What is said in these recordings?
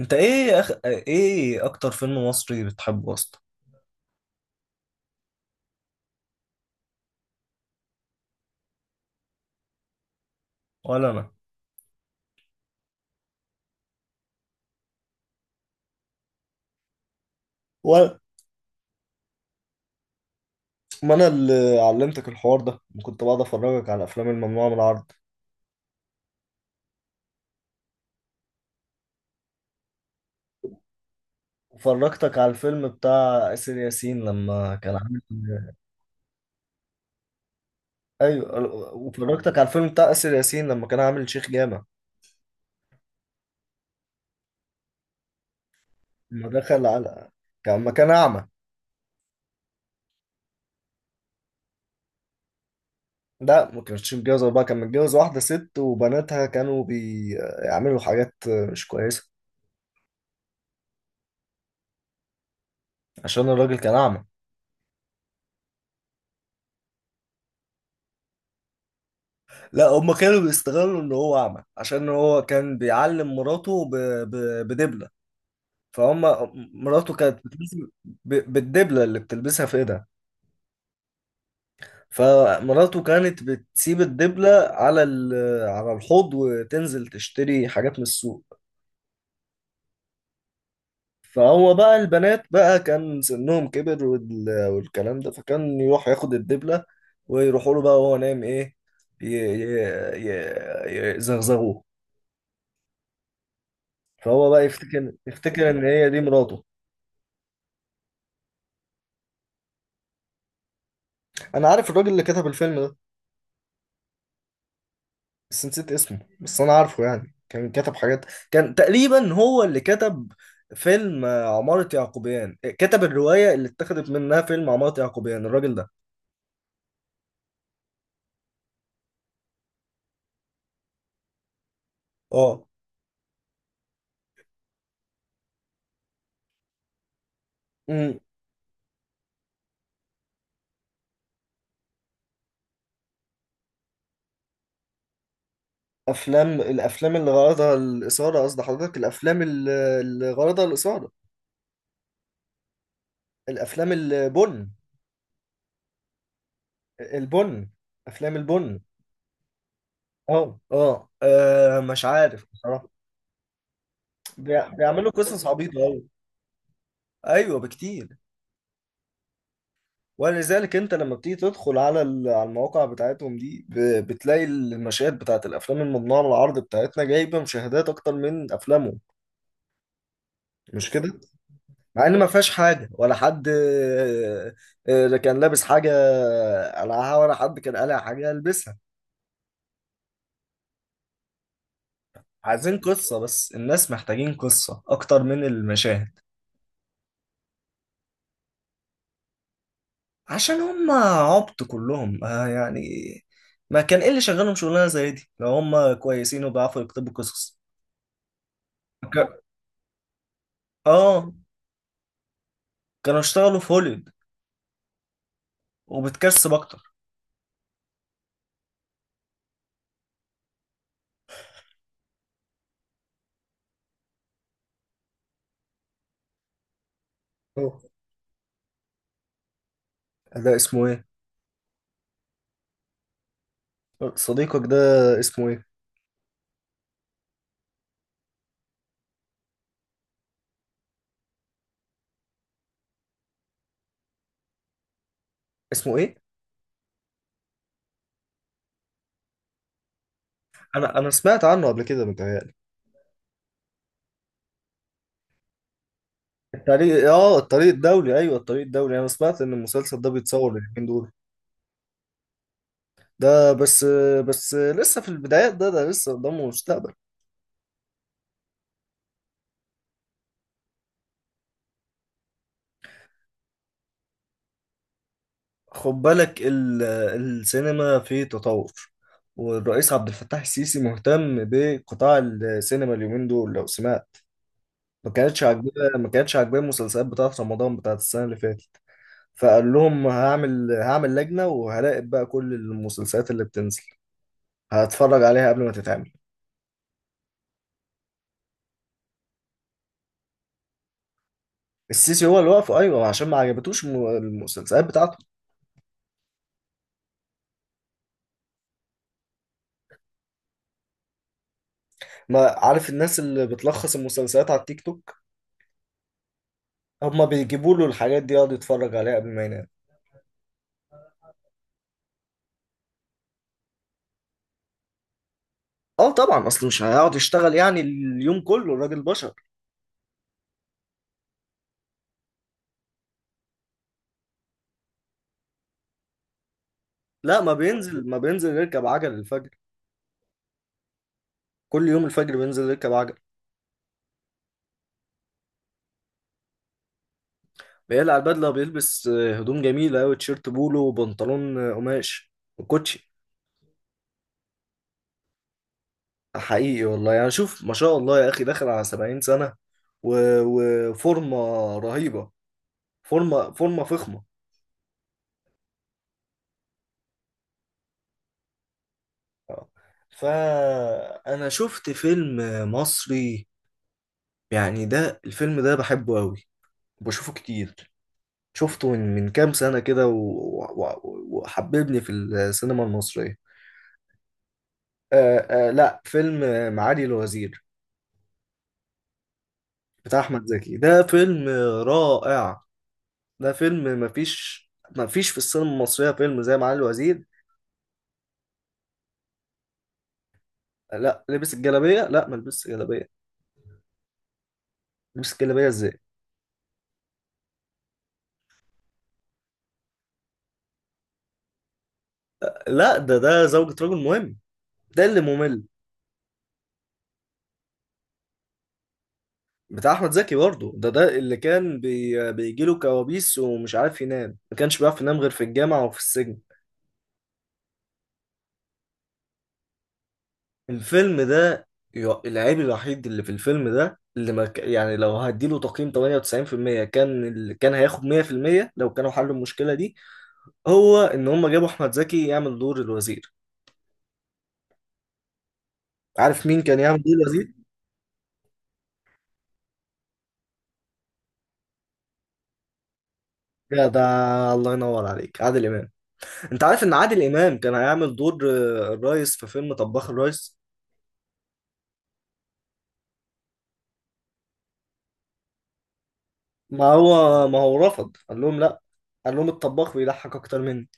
انت ايه، ايه اكتر فيلم مصري بتحبه اصلا؟ ولا انا. و... ما انا اللي علمتك الحوار ده، كنت بقعد افرجك على الافلام الممنوعه من العرض، وفرجتك على الفيلم بتاع اسر ياسين لما كان عامل ايوه. وفرجتك على الفيلم بتاع اسر ياسين لما كان عامل شيخ جامع، لما دخل على، كان لما كان اعمى. لا، ما كانش متجوز اربعه، كان متجوز واحده ست، وبناتها كانوا بيعملوا حاجات مش كويسه، عشان الراجل كان اعمى. لا، هما كانوا بيستغلوا ان هو اعمى، عشان هو كان بيعلم مراته ب... بدبله. فهم. مراته كانت بتلبس بالدبله اللي بتلبسها في ايدها. فمراته كانت بتسيب الدبله على الحوض وتنزل تشتري حاجات من السوق. فهو بقى، البنات بقى كان سنهم كبر والكلام ده، فكان يروح ياخد الدبله ويروحوا له بقى وهو نايم، ايه، ي... ي... يزغزغوه. فهو بقى يفتكر يفتكر ان هي دي مراته. انا عارف الراجل اللي كتب الفيلم ده، بس نسيت اسمه، بس انا عارفه، يعني كان كتب حاجات. كان تقريبا هو اللي كتب فيلم، عمارة يعقوبيان، كتب الرواية اللي اتخذت منها فيلم عمارة يعقوبيان الراجل ده. اه. امم الافلام اللي غرضها الاثارة، قصد حضرتك الافلام اللي غرضها الاثارة. الافلام البن. البن. افلام البن. اه، اه، مش عارف بصراحة. بيعملوا قصص عبيطة أوي. أيوة، بكتير. ولذلك انت لما بتيجي تدخل على المواقع بتاعتهم دي، بتلاقي المشاهد بتاعت الافلام الممنوعه من العرض بتاعتنا جايبه مشاهدات اكتر من افلامهم، مش كده؟ مع ان ما فيهاش حاجه، ولا حد كان لابس حاجه قلعها، ولا حد كان قلع حاجه يلبسها. عايزين قصه، بس الناس محتاجين قصه اكتر من المشاهد. عشان هم عبط كلهم، يعني. ما كان ايه اللي شغالهم شغلانه زي دي، لو هم كويسين وبيعرفوا يكتبوا قصص؟ ك- اه، كانوا اشتغلوا في هوليوود وبتكسب اكتر. أوه. ده اسمه ايه؟ صديقك ده اسمه ايه؟ اسمه ايه؟ انا سمعت عنه قبل كده متهيألي. الطريق، اه، الطريق الدولي، ايوه الطريق الدولي، انا سمعت ان المسلسل ده بيتصور اليومين دول. ده بس لسه في البدايات، ده لسه قدامه مستقبل. خد بالك، السينما في تطور، والرئيس عبد الفتاح السيسي مهتم بقطاع السينما اليومين دول، لو سمعت. ما كانتش عاجباه، ما كانتش عاجباه المسلسلات بتاعت رمضان بتاعت السنة اللي فاتت. فقال لهم، هعمل لجنة وهراقب بقى كل المسلسلات اللي بتنزل، هتفرج عليها قبل ما تتعمل. السيسي هو اللي وقفه، ايوه، عشان ما عجبتوش المسلسلات بتاعته. ما عارف، الناس اللي بتلخص المسلسلات على التيك توك هما بيجيبوا له الحاجات دي يقعد يتفرج عليها قبل ما ينام. اه طبعا، اصل مش هيقعد يشتغل يعني اليوم كله، الراجل بشر. لا، ما بينزل يركب عجل الفجر، كل يوم الفجر بينزل يركب عجل. بيقلع البدله وبيلبس هدوم جميله قوي، تيشيرت بولو وبنطلون قماش وكوتشي. حقيقي والله، يعني شوف ما شاء الله يا اخي، داخل على 70 سنة، و- وفورمة رهيبة، فورمة فورمة فخمة. آه. فانا شفت فيلم مصري، يعني ده الفيلم ده بحبه قوي، بشوفه كتير، شفته من كام سنة كده، وحببني في السينما المصرية. آه، آه، لا، فيلم معالي الوزير، بتاع احمد زكي، ده فيلم رائع. ده فيلم، مفيش، مفيش في السينما المصرية فيلم زي معالي الوزير. لا، لبس الجلابيه، لا ما لبسش جلابيه. لبس الجلابيه ازاي؟ لا، ده زوجة رجل مهم، ده اللي ممل. بتاع احمد زكي برضه، ده اللي كان بيجي له كوابيس، ومش عارف ينام، ما كانش بيعرف ينام غير في الجامعه وفي السجن. الفيلم ده، العيب الوحيد اللي في الفيلم ده، اللي ما ك... يعني لو هديله تقييم 98%، كان كان هياخد 100% لو كانوا حلوا المشكله دي، هو ان هم جابوا احمد زكي يعمل دور الوزير. عارف مين كان يعمل دور الوزير؟ يا ده، الله ينور عليك، عادل امام. انت عارف ان عادل امام كان هيعمل دور الريس في فيلم طباخ الريس؟ ما هو رفض، قال لهم لا، قال لهم الطباخ بيضحك اكتر مني.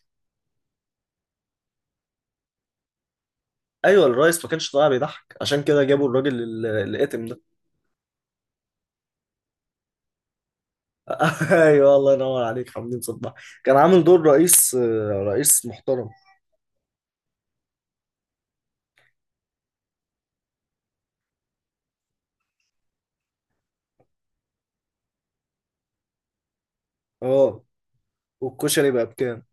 ايوه، الريس ما كانش طالع بيضحك، عشان كده جابوا الراجل الاتم ده. ايوه، الله ينور عليك حمدين صباح، كان عامل دور رئيس، رئيس محترم. اه. والكشري بقى بكام؟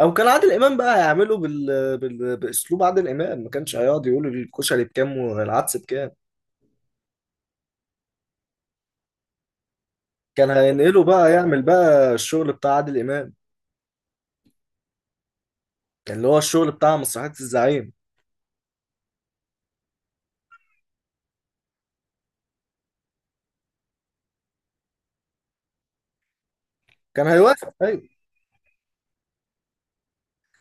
او كان عادل امام بقى هيعمله باسلوب عادل امام، ما كانش هيقعد يقول الكشري بكام والعدس بكام. كان هينقله بقى، يعمل بقى الشغل بتاع عادل امام، اللي هو الشغل بتاع مسرحية الزعيم. كان هيوافق، ايوه.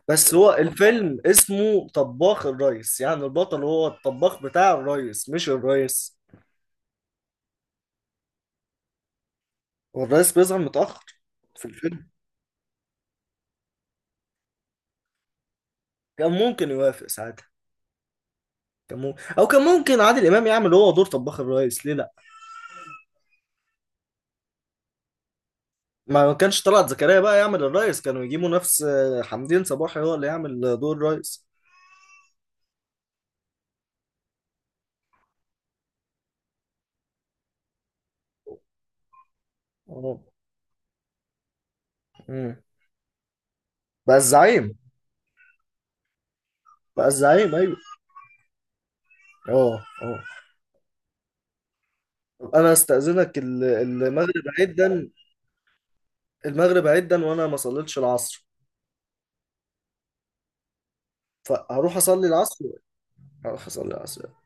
بس هو الفيلم اسمه طباخ الريس، يعني البطل هو الطباخ بتاع الريس مش الريس، والريس بيظهر متأخر في الفيلم. كان ممكن يوافق ساعتها. كان ممكن. او كان ممكن عادل امام يعمل هو دور طباخ الريس، ليه لا؟ ما كانش طلعت زكريا بقى يعمل الريس، كانوا يجيبوا نفس، حمدين صباحي هو اللي يعمل دور الريس. اه. أمم. بقى الزعيم. بقى الزعيم، ايوه. اه. اه. طب انا استأذنك، المغرب عيد ده، المغرب عدا وانا ما صليتش العصر، فهروح اصلي العصر. هروح اصلي العصر.